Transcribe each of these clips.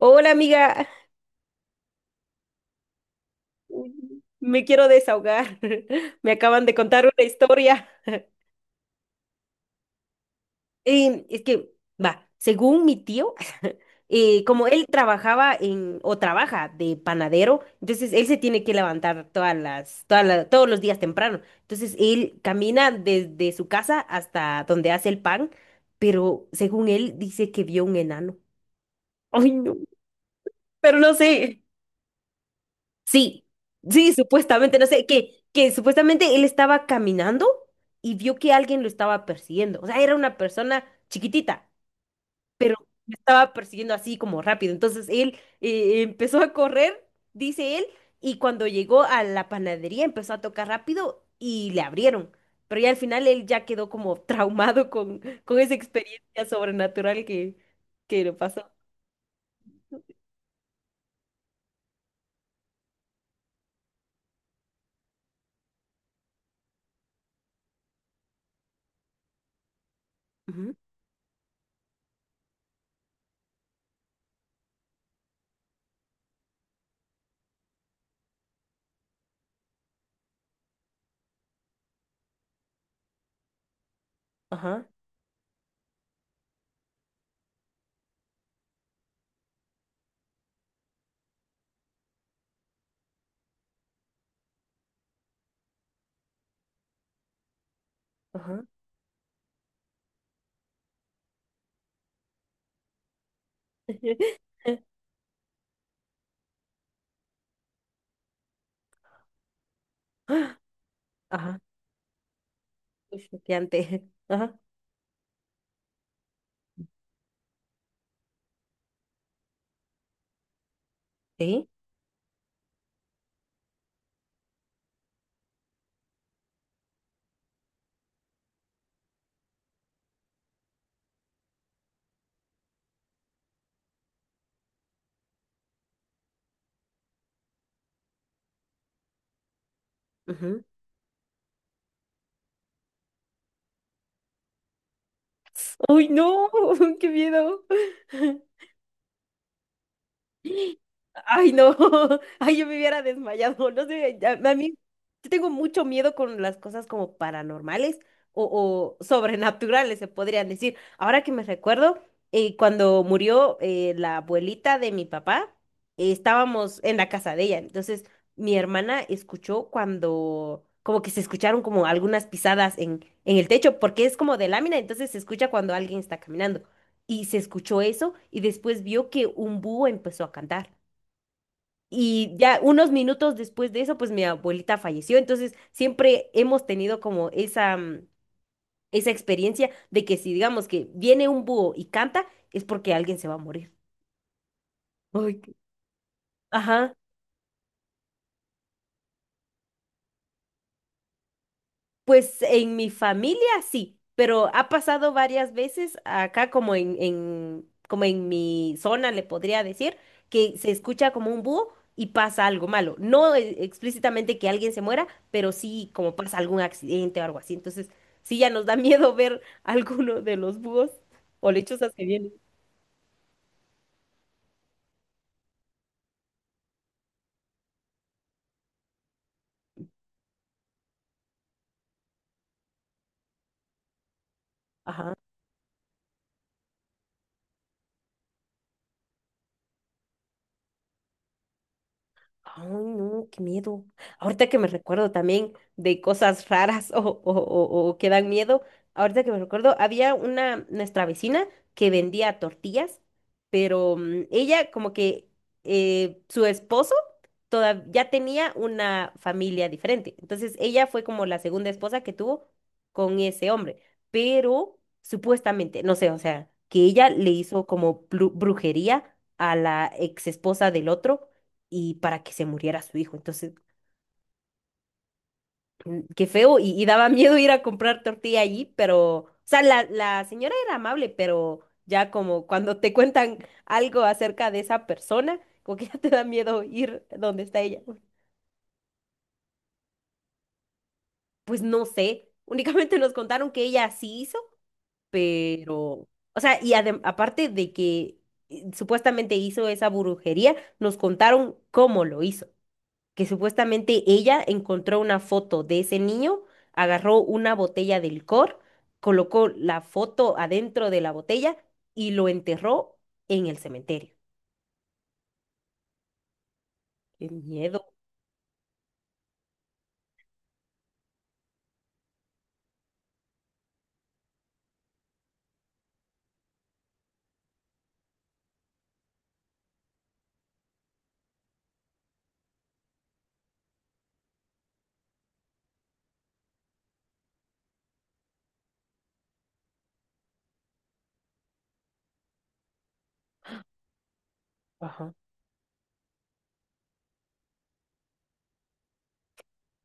Hola amiga, me quiero desahogar. Me acaban de contar una historia. Es que, va, según mi tío, como él trabajaba en, o trabaja de panadero, entonces él se tiene que levantar todas las, todas la- todos los días temprano. Entonces él camina desde su casa hasta donde hace el pan, pero según él dice que vio un enano. Ay, no, pero no sé. Sí, sí, supuestamente, no sé, que supuestamente él estaba caminando y vio que alguien lo estaba persiguiendo. O sea, era una persona chiquitita, pero lo estaba persiguiendo así como rápido. Entonces él empezó a correr, dice él, y cuando llegó a la panadería empezó a tocar rápido y le abrieron. Pero ya al final él ya quedó como traumado con esa experiencia sobrenatural que le pasó. Ujú. Ajá, ajá. Ajá. Uy, choqueante. Ajá. ¿Sí? Ujú. ¡Uy, no! ¡Qué miedo! Ay, no. Ay, yo me hubiera desmayado. No sé, ya- a mí yo tengo mucho miedo con las cosas como paranormales o sobrenaturales, se podrían decir. Ahora que me recuerdo, cuando murió la abuelita de mi papá, estábamos en la casa de ella. Entonces, mi hermana escuchó cuando, como que se escucharon como algunas pisadas en el techo, porque es como de lámina, entonces se escucha cuando alguien está caminando. Y se escuchó eso y después vio que un búho empezó a cantar. Y ya unos minutos después de eso, pues mi abuelita falleció. Entonces siempre hemos tenido como esa, esa experiencia de que si digamos que viene un búho y canta, es porque alguien se va a morir. Ay, qué- Ajá. Pues en mi familia sí, pero ha pasado varias veces acá como en- como en mi zona le podría decir que se escucha como un búho y pasa algo malo. No e- explícitamente que alguien se muera, pero sí como pasa algún accidente o algo así. Entonces, sí ya nos da miedo ver alguno de los búhos o lechuzas que vienen. Ajá. Ay, no, qué miedo. Ahorita que me recuerdo también de cosas raras o que dan miedo, ahorita que me recuerdo, había una, nuestra vecina que vendía tortillas, pero ella como que su esposo toda- ya tenía una familia diferente. Entonces ella fue como la segunda esposa que tuvo con ese hombre, pero supuestamente, no sé, o sea, que ella le hizo como blu- brujería a la ex esposa del otro y para que se muriera su hijo. Entonces, qué feo, y daba miedo ir a comprar tortilla allí, pero, o sea, la señora era amable, pero ya como cuando te cuentan algo acerca de esa persona, como que ya te da miedo ir donde está ella. Pues no sé, únicamente nos contaron que ella sí hizo, pero, o sea, y adem- aparte de que supuestamente hizo esa brujería, nos contaron cómo lo hizo, que supuestamente ella encontró una foto de ese niño, agarró una botella de licor, colocó la foto adentro de la botella y lo enterró en el cementerio. ¡Qué miedo! Ajá,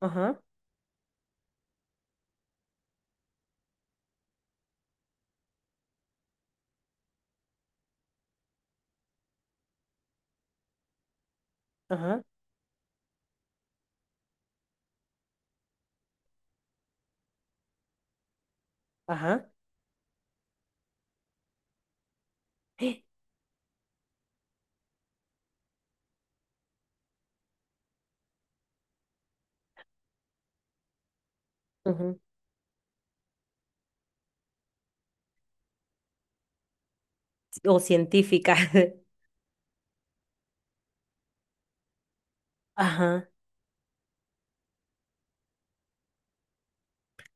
ajá, ajá, ajá. Ujú. O científica. Ajá.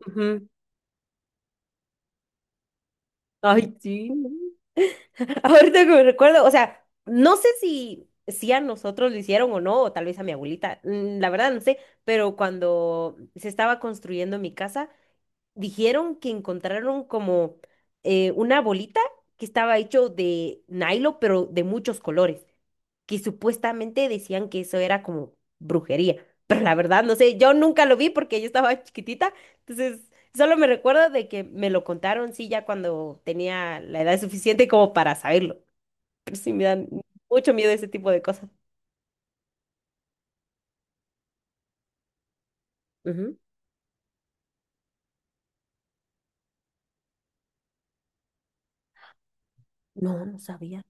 Ujú. Ay, sí. Ahorita que me recuerdo, o sea, no sé si, si a nosotros lo hicieron o no, o tal vez a mi abuelita, la verdad no sé, pero cuando se estaba construyendo mi casa, dijeron que encontraron como una bolita que estaba hecho de nylon, pero de muchos colores, que supuestamente decían que eso era como brujería, pero la verdad no sé, yo nunca lo vi porque yo estaba chiquitita, entonces solo me recuerdo de que me lo contaron, sí, ya cuando tenía la edad suficiente como para saberlo, pero sí me dan mucho miedo ese tipo de cosas. Ujú. No, no sabía.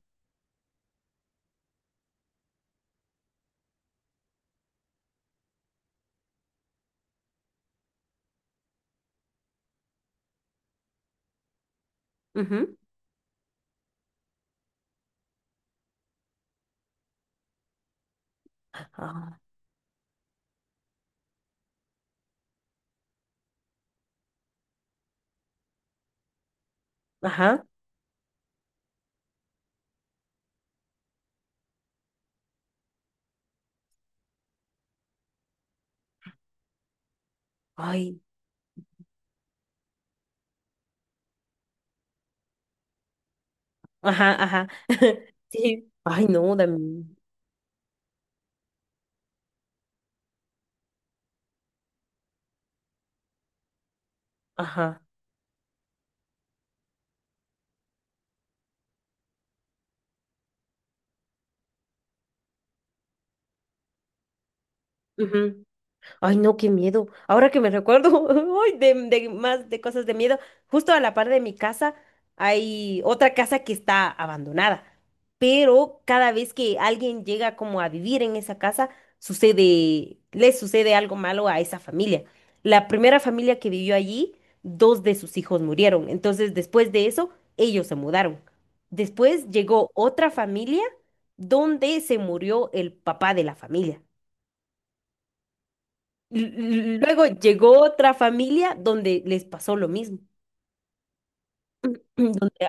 Ujú. Ah, ajá. Ay. Ajá, ajá. Sí. Ay, no, también. Ajá. Ujú. Ay, no, qué miedo. Ahora que me recuerdo, ay, de más de cosas de miedo. Justo a la par de mi casa hay otra casa que está abandonada. Pero cada vez que alguien llega como a vivir en esa casa, sucede, le sucede algo malo a esa familia. La primera familia que vivió allí, dos de sus hijos murieron. Entonces, después de eso, ellos se mudaron. Después llegó otra familia donde se murió el papá de la familia. L- Luego llegó otra familia donde les pasó lo mismo. Donde,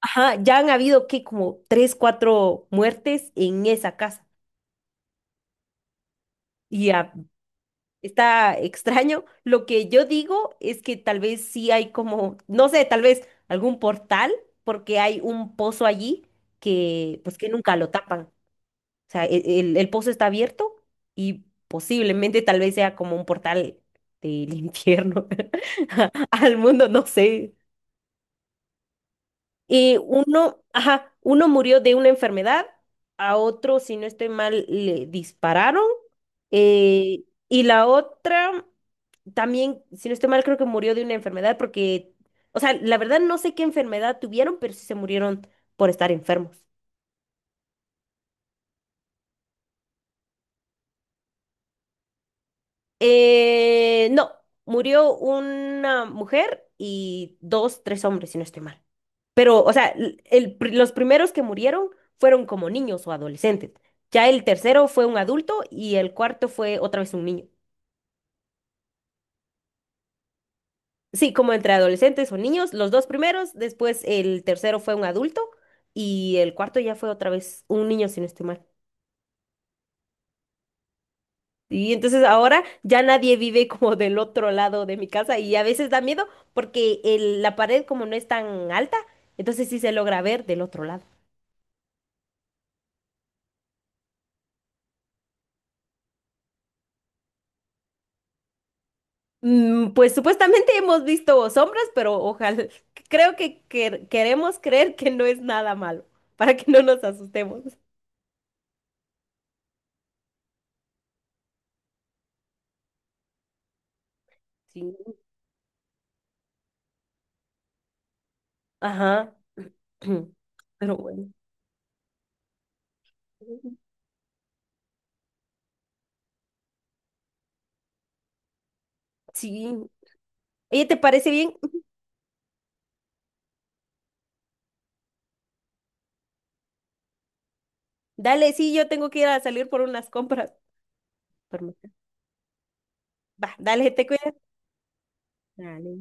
ajá, ya han habido que como tres, cuatro muertes en esa casa. Y ah, está extraño. Lo que yo digo es que tal vez sí hay como, no sé, tal vez algún portal, porque hay un pozo allí que pues que nunca lo tapan. O sea, e- el pozo está abierto y posiblemente tal vez sea como un portal del infierno al mundo, no sé. Y uno, ajá, uno murió de una enfermedad, a otro, si no estoy mal, le dispararon. Eh, y la otra también, si no estoy mal, creo que murió de una enfermedad porque, o sea, la verdad no sé qué enfermedad tuvieron, pero sí se murieron por estar enfermos. No, murió una mujer y dos, tres hombres, si no estoy mal. Pero, o sea, l- el pri- los primeros que murieron fueron como niños o adolescentes. Ya el tercero fue un adulto y el cuarto fue otra vez un niño. Sí, como entre adolescentes o niños, los dos primeros, después el tercero fue un adulto y el cuarto ya fue otra vez un niño, si no estoy mal. Y entonces ahora ya nadie vive como del otro lado de mi casa y a veces da miedo porque el- la pared como no es tan alta, entonces sí se logra ver del otro lado. Mm, pues supuestamente hemos visto sombras, pero ojalá, creo que- queremos creer que no es nada malo, para que no nos asustemos. Sí. Ajá. Pero bueno. Sí. Oye, ¿te parece bien? Dale, sí, yo tengo que ir a salir por unas compras. Pero va, dale, te cuidas. Dale.